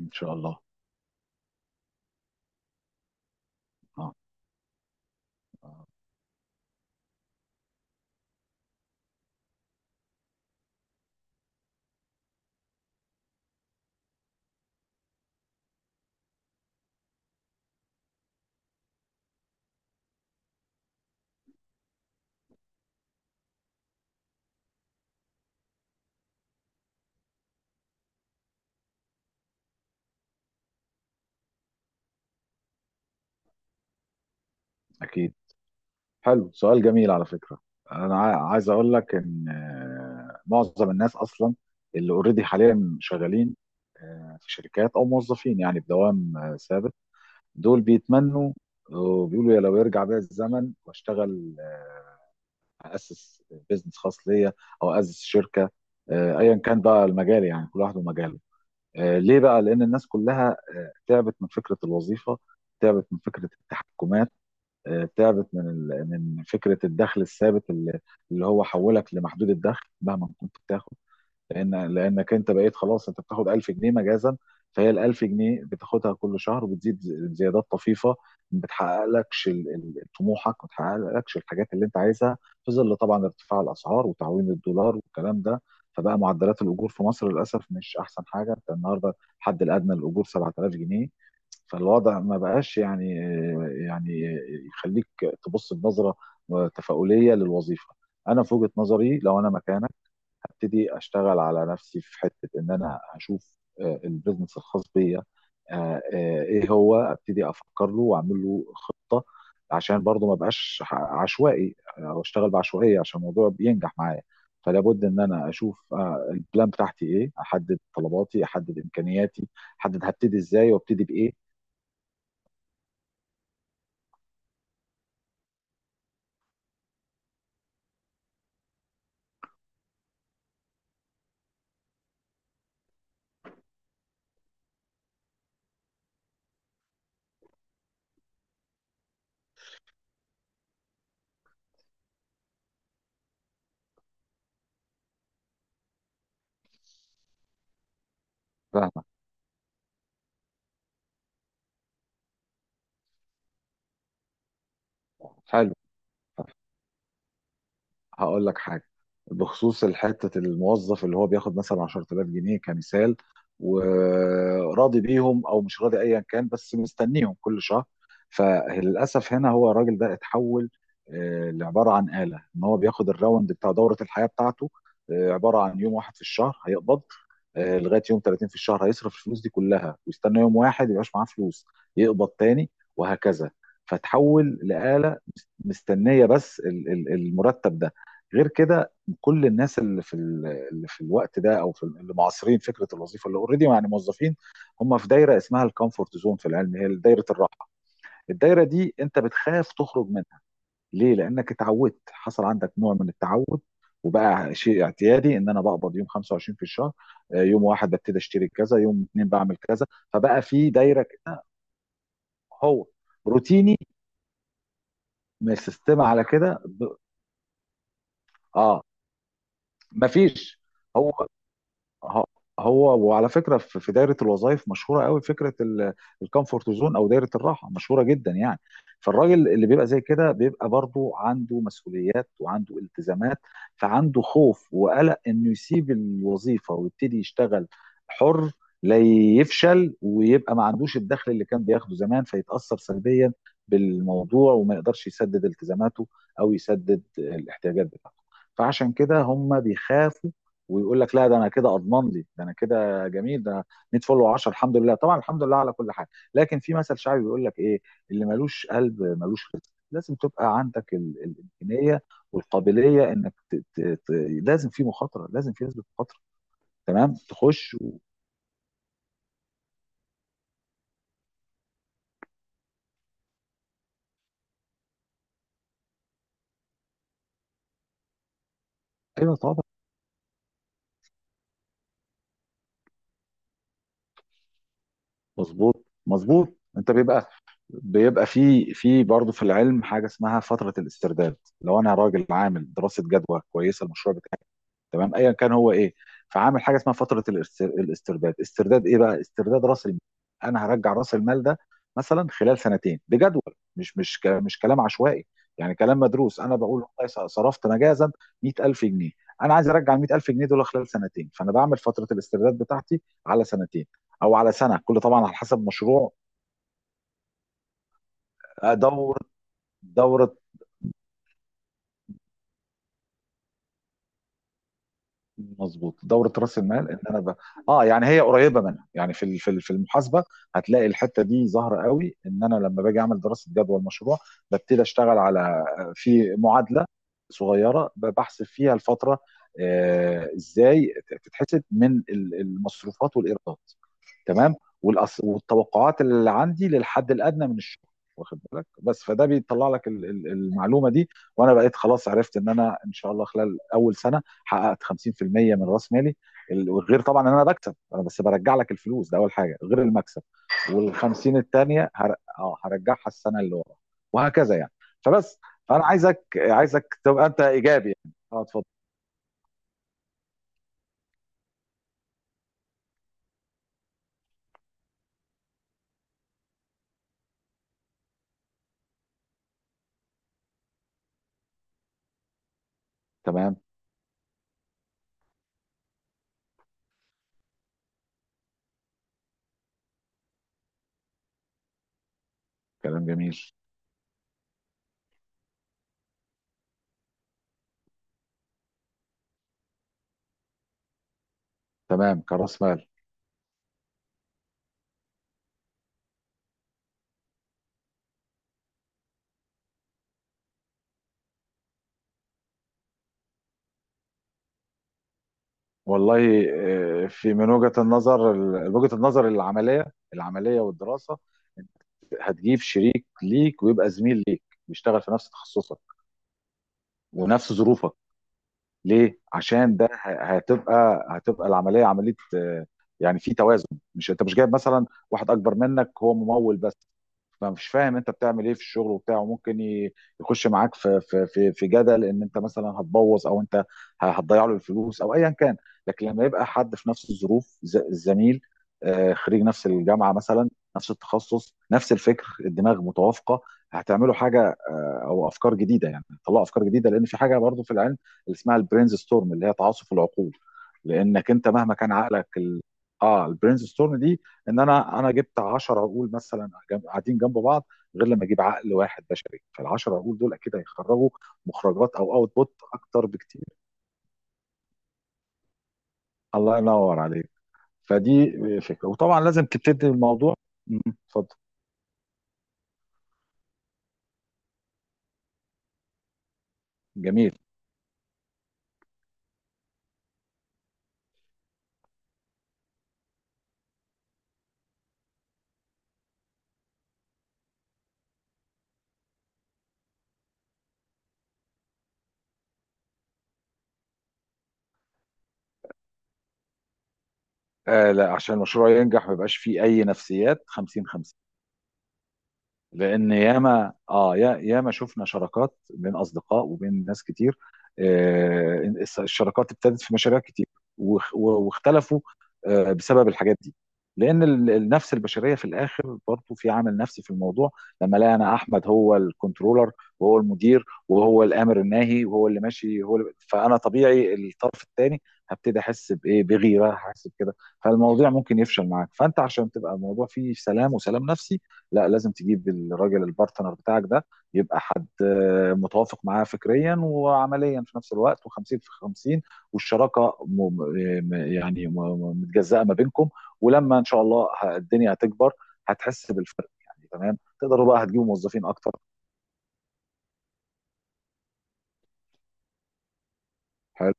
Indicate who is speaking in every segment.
Speaker 1: ان شاء الله. اه. آه، اكيد. حلو، سؤال جميل على فكره. انا عايز اقول لك ان معظم الناس اصلا اللي اوريدي حاليا شغالين في شركات او موظفين، يعني بدوام ثابت. دول بيتمنوا وبيقولوا: يا لو يرجع بيا الزمن واشتغل، اسس بيزنس خاص ليا او اسس شركه. ايا كان بقى المجال، يعني كل واحد ومجاله. ليه بقى؟ لان الناس كلها تعبت من فكره الوظيفه، تعبت من فكره التحكمات، تعبت من من فكره الدخل الثابت، اللي هو حولك لمحدود الدخل مهما كنت بتاخد. لانك انت بقيت خلاص، انت بتاخد 1000 جنيه مجازا. فهي ال 1000 جنيه بتاخدها كل شهر، وبتزيد زيادات طفيفه. ما بتحققلكش طموحك، ما بتحققلكش الحاجات اللي انت عايزها، في ظل طبعا ارتفاع الاسعار وتعويم الدولار والكلام ده. فبقى معدلات الاجور في مصر للاسف مش احسن حاجه. انت النهارده الحد الادنى للاجور 7000 جنيه. فالوضع ما بقاش يعني يخليك تبص بنظرة تفاؤلية للوظيفة. انا في وجهة نظري، لو انا مكانك، هبتدي اشتغل على نفسي، في حتة ان انا هشوف البيزنس الخاص بيا. ايه هو؟ ابتدي افكر له واعمل له خطة، عشان برضه ما بقاش عشوائي، او اشتغل بعشوائية عشان الموضوع بينجح معايا. فلابد ان انا اشوف البلان بتاعتي ايه، احدد طلباتي، احدد امكانياتي، احدد هبتدي ازاي وابتدي بايه. حلو، هقول لك حاجه. بخصوص الحته، الموظف اللي هو بياخد مثلا 10000 جنيه كمثال، وراضي بيهم او مش راضي ايا كان، بس مستنيهم كل شهر. فللاسف هنا هو الراجل ده اتحول لعباره عن آلة، ان هو بياخد الراوند بتاع دوره الحياه بتاعته. عباره عن يوم واحد في الشهر هيقبض، لغايه يوم 30 في الشهر هيصرف الفلوس دي كلها، ويستنى يوم واحد يبقاش معاه فلوس، يقبض تاني، وهكذا. فتحول لآلة مستنيه بس المرتب ده. غير كده، كل الناس اللي في اللي في الوقت ده، او في اللي معاصرين فكره الوظيفه اللي اوريدي يعني موظفين، هم في دايره اسمها الكومفورت زون في العلم، هي دايره الراحه. الدايره دي انت بتخاف تخرج منها. ليه؟ لانك اتعودت، حصل عندك نوع من التعود، وبقى شيء اعتيادي ان انا بقبض يوم 25 في الشهر. يوم واحد ببتدي اشتري كذا، يوم اتنين بعمل كذا. فبقى في دايره كده. هو روتيني من السيستم على كده اه. مفيش. هو ه- هو وعلى فكره في دايره الوظائف مشهوره قوي فكره الكومفورت زون او دايره الراحه، مشهوره جدا يعني. فالراجل اللي بيبقى زي كده بيبقى برضو عنده مسؤوليات وعنده التزامات. فعنده خوف وقلق انه يسيب الوظيفه ويبتدي يشتغل حر، لا يفشل ويبقى ما عندوش الدخل اللي كان بياخده زمان، فيتاثر سلبيا بالموضوع وما يقدرش يسدد التزاماته او يسدد الاحتياجات بتاعته. فعشان كده هم بيخافوا. ويقول لك: لا، ده انا كده اضمن لي، ده انا كده جميل، ده 100 فولو و10، الحمد لله، طبعا الحمد لله على كل حاجه. لكن في مثل شعبي بيقول لك ايه؟ اللي ملوش قلب ملوش رزق. لازم تبقى عندك الامكانيه والقابليه انك لازم في مخاطره، لازم في نسبه مخاطره. تمام، تخش ايوه طبعا. مظبوط. انت بيبقى في برضه في العلم حاجه اسمها فتره الاسترداد. لو انا راجل عامل دراسه جدوى كويسه المشروع بتاعي، تمام ايا كان هو ايه، فعامل حاجه اسمها فتره الاسترداد. استرداد ايه بقى؟ استرداد راس المال. انا هرجع راس المال ده مثلا خلال سنتين بجدول. مش كلام عشوائي، يعني كلام مدروس. انا بقول والله صرفت مجازا 100000 جنيه. انا عايز ارجع ال 100000 جنيه دول خلال سنتين، فانا بعمل فتره الاسترداد بتاعتي على سنتين، او على سنه، كل طبعا على حسب مشروع. دوره، دوره، مظبوط، دورة رأس المال، ان انا اه، يعني هي قريبة منها يعني، في في في المحاسبة هتلاقي الحتة دي ظاهرة قوي. ان انا لما باجي اعمل دراسة جدوى المشروع، ببتدي اشتغل على، في معادلة صغيرة بحسب فيها الفترة. ازاي تتحسب؟ من المصروفات والايرادات، تمام، والتوقعات اللي عندي للحد الادنى من الشغل. واخد بالك؟ بس فده بيطلع لك المعلومه دي. وانا بقيت خلاص عرفت ان انا ان شاء الله خلال اول سنه حققت 50% من راس مالي. غير طبعا ان انا بكسب. انا بس برجع لك الفلوس ده اول حاجه، غير المكسب. وال 50 الثانيه هر... اه هرجعها السنه اللي ورا، وهكذا يعني. فبس، فانا عايزك تبقى انت ايجابي يعني. اه، اتفضل. تمام. كلام جميل. تمام، كراس مال. والله، في من وجهة النظر وجهة النظر العملية، العملية والدراسة. انت هتجيب شريك ليك، ويبقى زميل ليك بيشتغل في نفس تخصصك ونفس ظروفك. ليه؟ عشان ده هتبقى العملية عملية، يعني في توازن. مش انت مش جايب مثلا واحد اكبر منك هو ممول بس، فمش فاهم انت بتعمل ايه في الشغل وبتاع، وممكن يخش معاك في في في في جدل ان انت مثلا هتبوظ، او انت هتضيع له الفلوس، او ايا كان. لكن لما يبقى حد في نفس الظروف، الزميل، خريج نفس الجامعه مثلا، نفس التخصص، نفس الفكر، الدماغ متوافقه، هتعملوا حاجه او افكار جديده. يعني طلعوا افكار جديده، لان في حاجه برضو في العلم اللي اسمها البرينز ستورم، اللي هي تعاصف العقول. لانك انت مهما كان عقلك ال... اه البرينز ستورم دي، ان انا جبت 10 عقول مثلا قاعدين جنب بعض، غير لما اجيب عقل واحد بشري. فال 10 عقول دول اكيد هيخرجوا مخرجات او اوت بوت اكتر بكتير. الله ينور عليك. فدي فكره، وطبعا لازم تبتدي الموضوع. مم، اتفضل. جميل. لا، عشان المشروع ينجح ما يبقاش فيه اي نفسيات 50 50. لان ياما، ياما شفنا شراكات بين اصدقاء وبين ناس كتير. الشراكات ابتدت في مشاريع كتير، واختلفوا بسبب الحاجات دي. لان النفس البشريه في الاخر برضه في عامل نفسي في الموضوع. لما الاقي انا احمد هو الكنترولر، وهو المدير، وهو الامر الناهي، وهو اللي ماشي، هو اللي، فانا طبيعي الطرف الثاني هبتدي احس بايه؟ بغيره، هحس بكده. فالموضوع ممكن يفشل معاك. فانت عشان تبقى الموضوع فيه سلام وسلام نفسي، لا، لازم تجيب الراجل البارتنر بتاعك ده يبقى حد متوافق معاه فكريا وعمليا في نفس الوقت، و50 في 50، والشراكه متجزأه ما بينكم. ولما ان شاء الله الدنيا هتكبر، هتحس بالفرق يعني. تمام، تقدروا بقى هتجيبوا موظفين اكتر. حلو.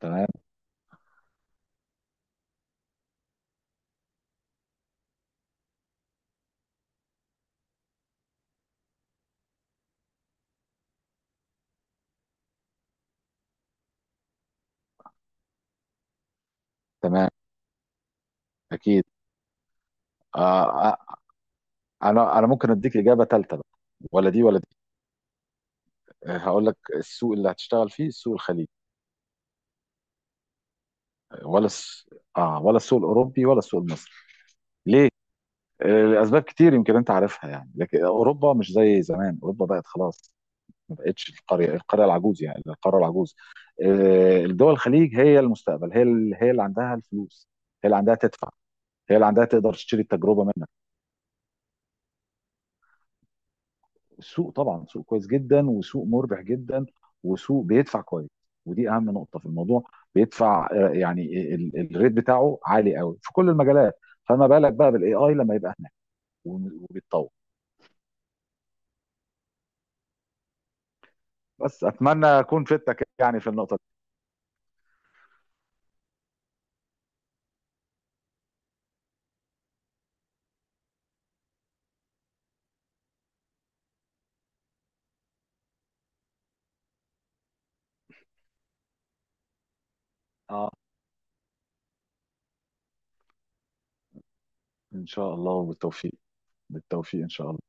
Speaker 1: تمام. تمام. اكيد. آه آه، انا ممكن اديك اجابه ثالثه بقى، ولا دي ولا دي. هقول لك، السوق اللي هتشتغل فيه، السوق الخليجي ولا الس... اه ولا السوق الاوروبي ولا السوق المصري؟ ليه؟ لاسباب كتير يمكن انت عارفها يعني، لكن اوروبا مش زي زمان، اوروبا بقت خلاص، ما بقتش القريه العجوز، يعني القاره العجوز. الدول الخليج هي المستقبل، هي هي اللي عندها الفلوس، هي اللي عندها تدفع، هي اللي عندها تقدر تشتري التجربه منك. السوق طبعا سوق كويس جدا، وسوق مربح جدا، وسوق بيدفع كويس، ودي اهم نقطه في الموضوع. بيدفع يعني الريت بتاعه عالي قوي في كل المجالات. فما بالك بقى بالاي اي لما يبقى هناك وبيتطور؟ بس اتمنى اكون فدتك يعني في النقطه دي. اه، ان شاء الله وبالتوفيق. بالتوفيق ان شاء الله.